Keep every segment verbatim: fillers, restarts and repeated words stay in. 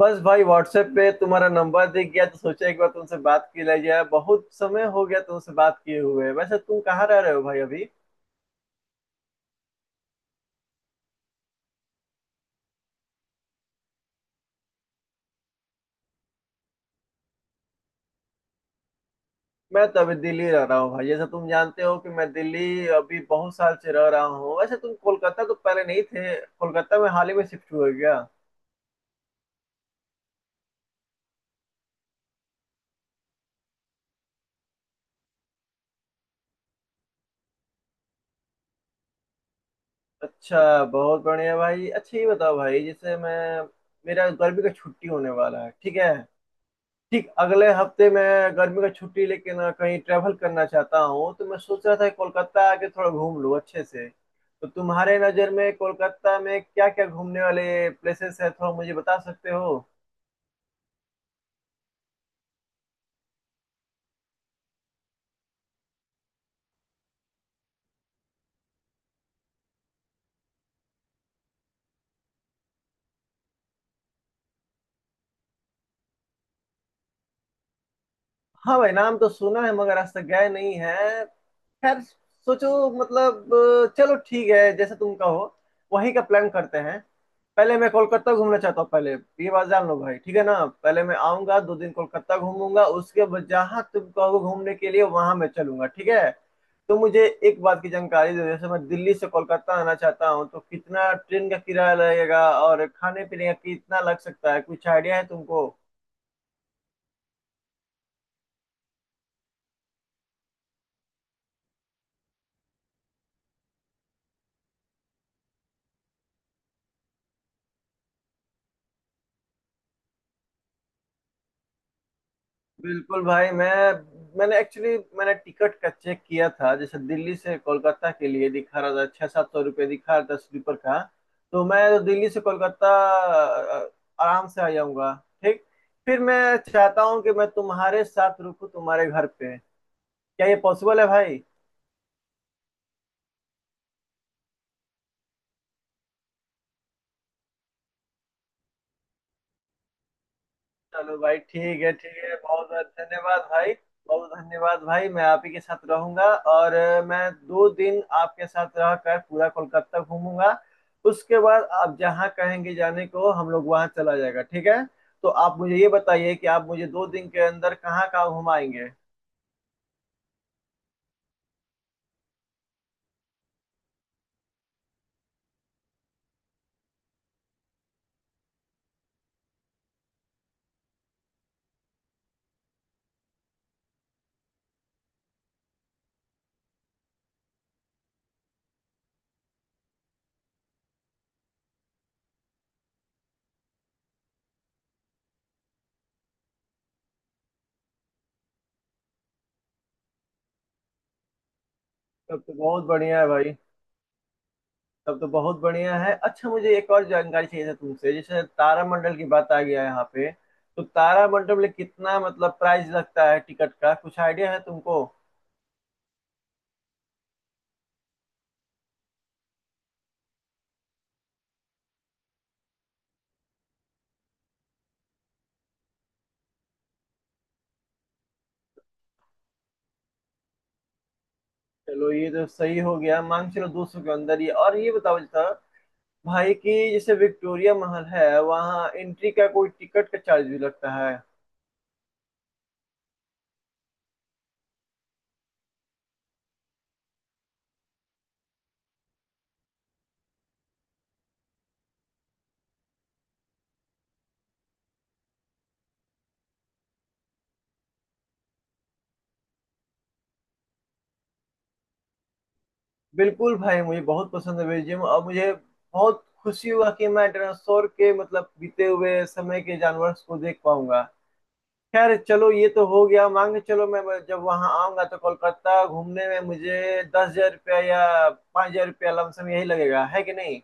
बस भाई, व्हाट्सएप पे तुम्हारा नंबर दिख गया तो सोचा एक बार तुमसे बात की ले जाए। बहुत समय हो गया तुमसे बात किए हुए। वैसे तुम कहाँ रह रहे हो भाई अभी? मैं तो अभी दिल्ली रह रहा हूँ भाई। जैसे तुम जानते हो कि मैं दिल्ली अभी बहुत साल से रह रहा हूँ। वैसे तुम कोलकाता तो पहले नहीं थे, कोलकाता में हाल ही में शिफ्ट हुए क्या? अच्छा, बहुत बढ़िया भाई। अच्छा ये बताओ भाई, जैसे मैं, मेरा गर्मी का छुट्टी होने वाला है ठीक है, ठीक अगले हफ्ते मैं गर्मी का छुट्टी लेके ना कहीं ट्रैवल करना चाहता हूँ। तो मैं सोच रहा था कोलकाता आके थोड़ा घूम लूँ अच्छे से। तो तुम्हारे नज़र में कोलकाता में क्या क्या घूमने वाले प्लेसेस है, थोड़ा मुझे बता सकते हो? हाँ भाई, नाम तो सुना है मगर आज तक गए नहीं है। खैर, सोचो। मतलब अ, चलो ठीक है, जैसे तुम कहो वहीं का प्लान करते हैं। पहले मैं कोलकाता घूमना चाहता हूँ, पहले ये बात जान लो भाई ठीक है ना। पहले मैं आऊंगा, दो दिन कोलकाता घूमूंगा, उसके बाद जहाँ तुम कहो घूमने के लिए वहां मैं चलूंगा ठीक है। तो मुझे एक बात की जानकारी दो, जैसे मैं दिल्ली से कोलकाता आना चाहता हूँ तो कितना ट्रेन का किराया लगेगा और खाने पीने का कितना लग सकता है, कुछ आइडिया है तुमको? बिल्कुल भाई, मैं, मैंने एक्चुअली मैंने टिकट का चेक किया था। जैसे दिल्ली से कोलकाता के लिए दिखा रहा था, छः सात सौ रुपये दिखा रहा था स्लीपर का। तो मैं तो दिल्ली से कोलकाता अ, आराम से आ जाऊंगा ठीक। फिर मैं चाहता हूँ कि मैं तुम्हारे साथ रुकूँ, तुम्हारे घर पे। क्या ये पॉसिबल है भाई? चलो भाई ठीक है, ठीक है। बहुत बहुत धन्यवाद भाई, बहुत धन्यवाद भाई। मैं आप ही के साथ रहूंगा और अ, मैं दो दिन आपके साथ रहकर पूरा कोलकाता घूमूंगा। उसके बाद आप जहाँ कहेंगे जाने को, हम लोग वहाँ चला जाएगा ठीक है। तो आप मुझे ये बताइए कि आप मुझे दो दिन के अंदर कहाँ कहाँ घुमाएंगे? तब तो बहुत बढ़िया है भाई, तब तो बहुत बढ़िया है। अच्छा, मुझे एक और जानकारी चाहिए था तुमसे। जैसे तारामंडल की बात आ गया यहाँ पे, तो तारामंडल में कितना मतलब प्राइस लगता है टिकट का, कुछ आइडिया है तुमको? चलो ये तो सही हो गया, मान के चलो दो सौ के अंदर ही। और ये बताओ था भाई कि जैसे विक्टोरिया महल है, वहाँ एंट्री का कोई टिकट का चार्ज भी लगता है? बिल्कुल भाई, मुझे बहुत पसंद है म्यूजियम, और मुझे बहुत खुशी हुआ कि मैं डायनासोर के मतलब बीते हुए समय के जानवर को देख पाऊंगा। खैर, चलो ये तो हो गया मान के चलो। मैं जब वहाँ आऊंगा तो कोलकाता घूमने में मुझे दस हजार रुपया या पाँच हजार रुपया लमसम यही लगेगा है कि नहीं?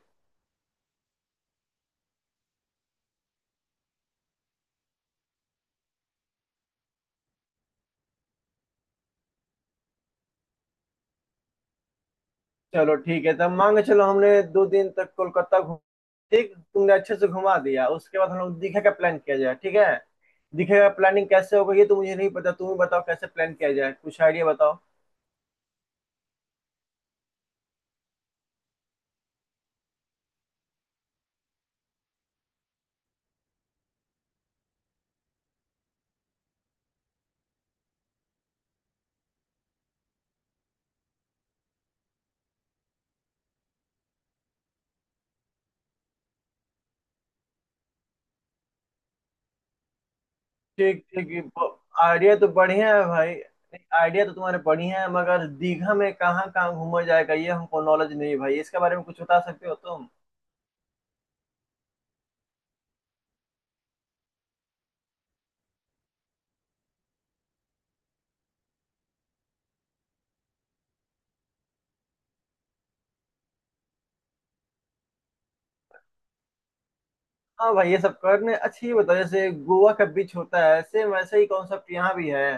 चलो ठीक है, तब मान के चलो हमने दो दिन तक कोलकाता घूम, ठीक तुमने अच्छे से घुमा दिया। उसके बाद हम लोग दीघा का प्लान किया जाए ठीक है। दीघा का प्लानिंग कैसे होगा ये तो मुझे नहीं पता, तुम ही बताओ कैसे प्लान किया जाए, कुछ आइडिया बताओ। ठीक ठीक, आइडिया तो बढ़िया है भाई। आइडिया तो तुम्हारे बढ़िया है, मगर दीघा में कहाँ कहाँ घूमा जाएगा ये हमको नॉलेज नहीं है भाई, इसके बारे में कुछ बता सकते हो तुम? हाँ भाई, ये सब करने अच्छी बताओ। जैसे गोवा का बीच होता है सेम वैसे ही कॉन्सेप्ट यहाँ भी है?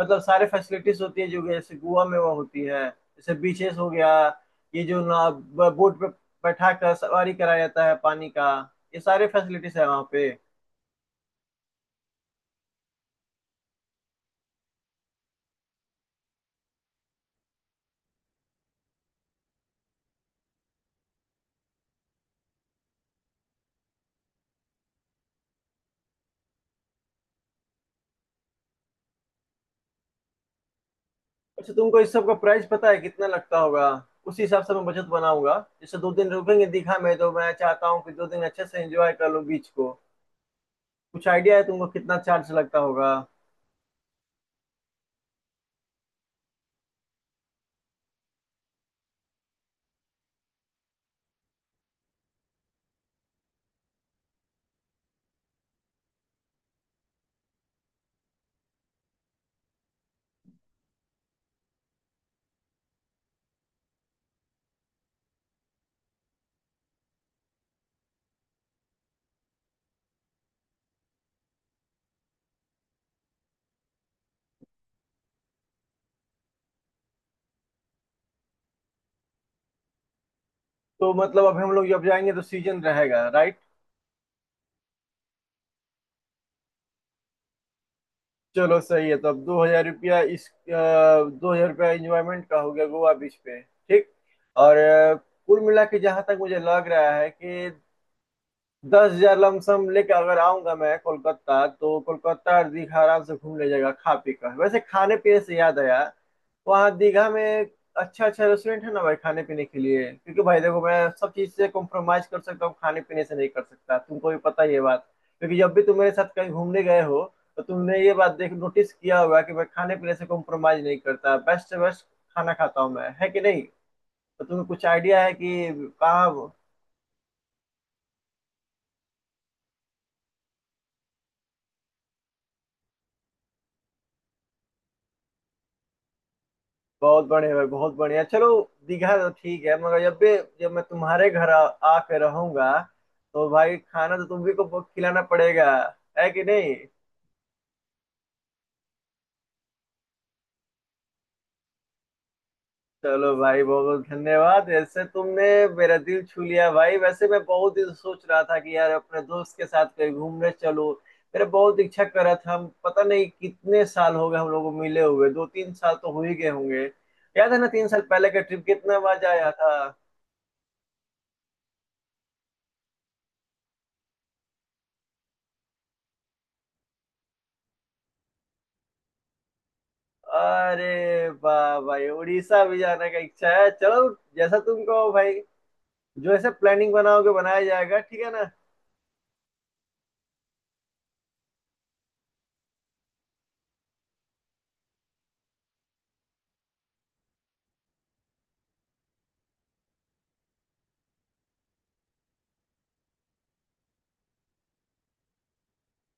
मतलब सारे फैसिलिटीज होती है जो कि जैसे गोवा में वो होती है, जैसे बीचेस हो गया, ये जो ना ब- बोट पे बैठा कर सवारी कराया जाता है पानी का, ये सारे फैसिलिटीज है वहाँ पे? अच्छा, तुमको इस सब का प्राइस पता है कितना लगता होगा? उसी हिसाब से मैं बजट बनाऊंगा। जैसे दो दिन रुकेंगे दीघा में, तो मैं चाहता हूँ कि दो दिन अच्छे से एंजॉय कर लूँ बीच को। कुछ आइडिया है तुमको कितना चार्ज लगता होगा? तो मतलब अभी हम लोग जब जाएंगे तो सीजन रहेगा राइट? चलो सही है। तो अब दो हजार रुपया इस अ, दो हजार रुपया इंजॉयमेंट का हो गया गोवा बीच पे ठीक। और अ, कुल मिला के जहां तक मुझे लग रहा है कि दस हजार लमसम लेके अगर आऊंगा मैं कोलकाता, तो कोलकाता और दीघा आराम से घूम लीजिएगा खा पी कर। वैसे खाने पीने से याद आया, वहाँ दीघा में अच्छा अच्छा रेस्टोरेंट है ना भाई खाने पीने के लिए? क्योंकि भाई देखो, मैं सब चीज से कॉम्प्रोमाइज कर सकता हूँ, खाने पीने से नहीं कर सकता, तुमको भी पता है ये बात। क्योंकि जब भी तुम मेरे साथ कहीं घूमने गए हो, तो तुमने ये बात देख नोटिस किया होगा कि मैं खाने पीने से कॉम्प्रोमाइज नहीं करता, बेस्ट से बेस्ट खाना खाता हूँ मैं, है कि नहीं? तो तुम्हें कुछ आइडिया है कि कहाँ? बहुत बढ़िया भाई, बहुत बढ़िया। चलो, दीघा तो ठीक है। मगर जब भी, जब मैं तुम्हारे घर आ, आके रहूंगा, तो भाई खाना तो तुम भी को खिलाना पड़ेगा, है कि नहीं? चलो भाई, बहुत धन्यवाद। ऐसे तुमने मेरा दिल छू लिया भाई। वैसे मैं बहुत दिन सोच रहा था कि यार अपने दोस्त के साथ कहीं घूमने चलो, मेरा बहुत इच्छा कर रहा था। हम पता नहीं कितने साल हो गए हम लोग को मिले हुए, दो तीन साल तो हो ही गए होंगे। याद है ना, तीन साल पहले का ट्रिप कितना मजा आया था? अरे वाह भाई, उड़ीसा भी जाने का इच्छा है, चलो जैसा तुम कहो भाई। जो ऐसा प्लानिंग बनाओगे बनाया जाएगा ठीक है ना।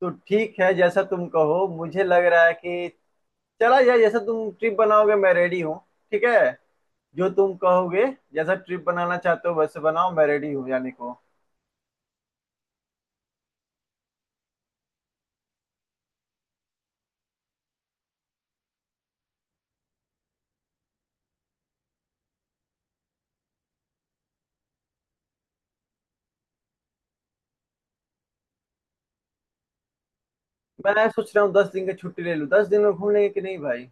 तो ठीक है जैसा तुम कहो, मुझे लग रहा है कि चला जाए। जैसा तुम ट्रिप बनाओगे मैं रेडी हूँ ठीक है, जो तुम कहोगे। जैसा ट्रिप बनाना चाहते हो वैसे बनाओ, मैं रेडी हूँ जाने को। मैं सोच रहा हूँ दस दिन की छुट्टी ले लूँ, दस दिन में घूम लेंगे कि नहीं भाई?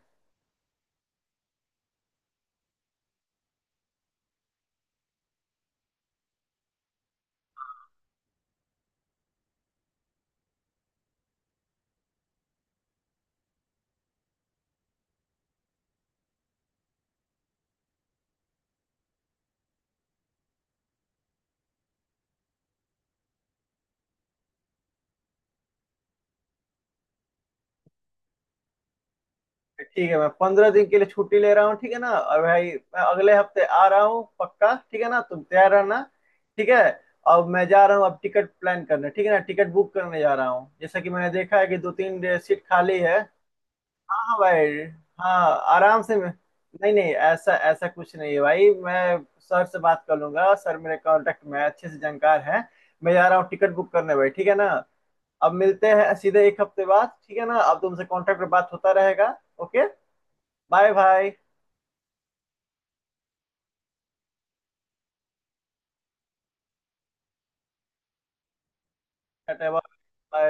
ठीक है, मैं पंद्रह दिन के लिए छुट्टी ले रहा हूँ ठीक है ना। और भाई मैं अगले हफ्ते आ रहा हूँ पक्का, ठीक है ना, तुम तैयार रहना ठीक है। अब मैं जा रहा हूँ अब टिकट प्लान करने, ठीक है ना। टिकट बुक करने जा रहा हूँ, जैसा कि मैंने देखा है कि दो तीन सीट खाली है। हाँ हाँ भाई, हाँ आराम से मैं- नहीं नहीं, ऐसा ऐसा कुछ नहीं है भाई। मैं सर से बात कर लूंगा, सर मेरे कांटेक्ट में है, अच्छे से जानकार है। मैं जा रहा हूँ टिकट बुक करने भाई, ठीक है ना। अब मिलते हैं सीधे एक हफ्ते बाद, ठीक है ना। अब तुमसे कांटेक्ट पर बात होता रहेगा। Okay, bye bye bye.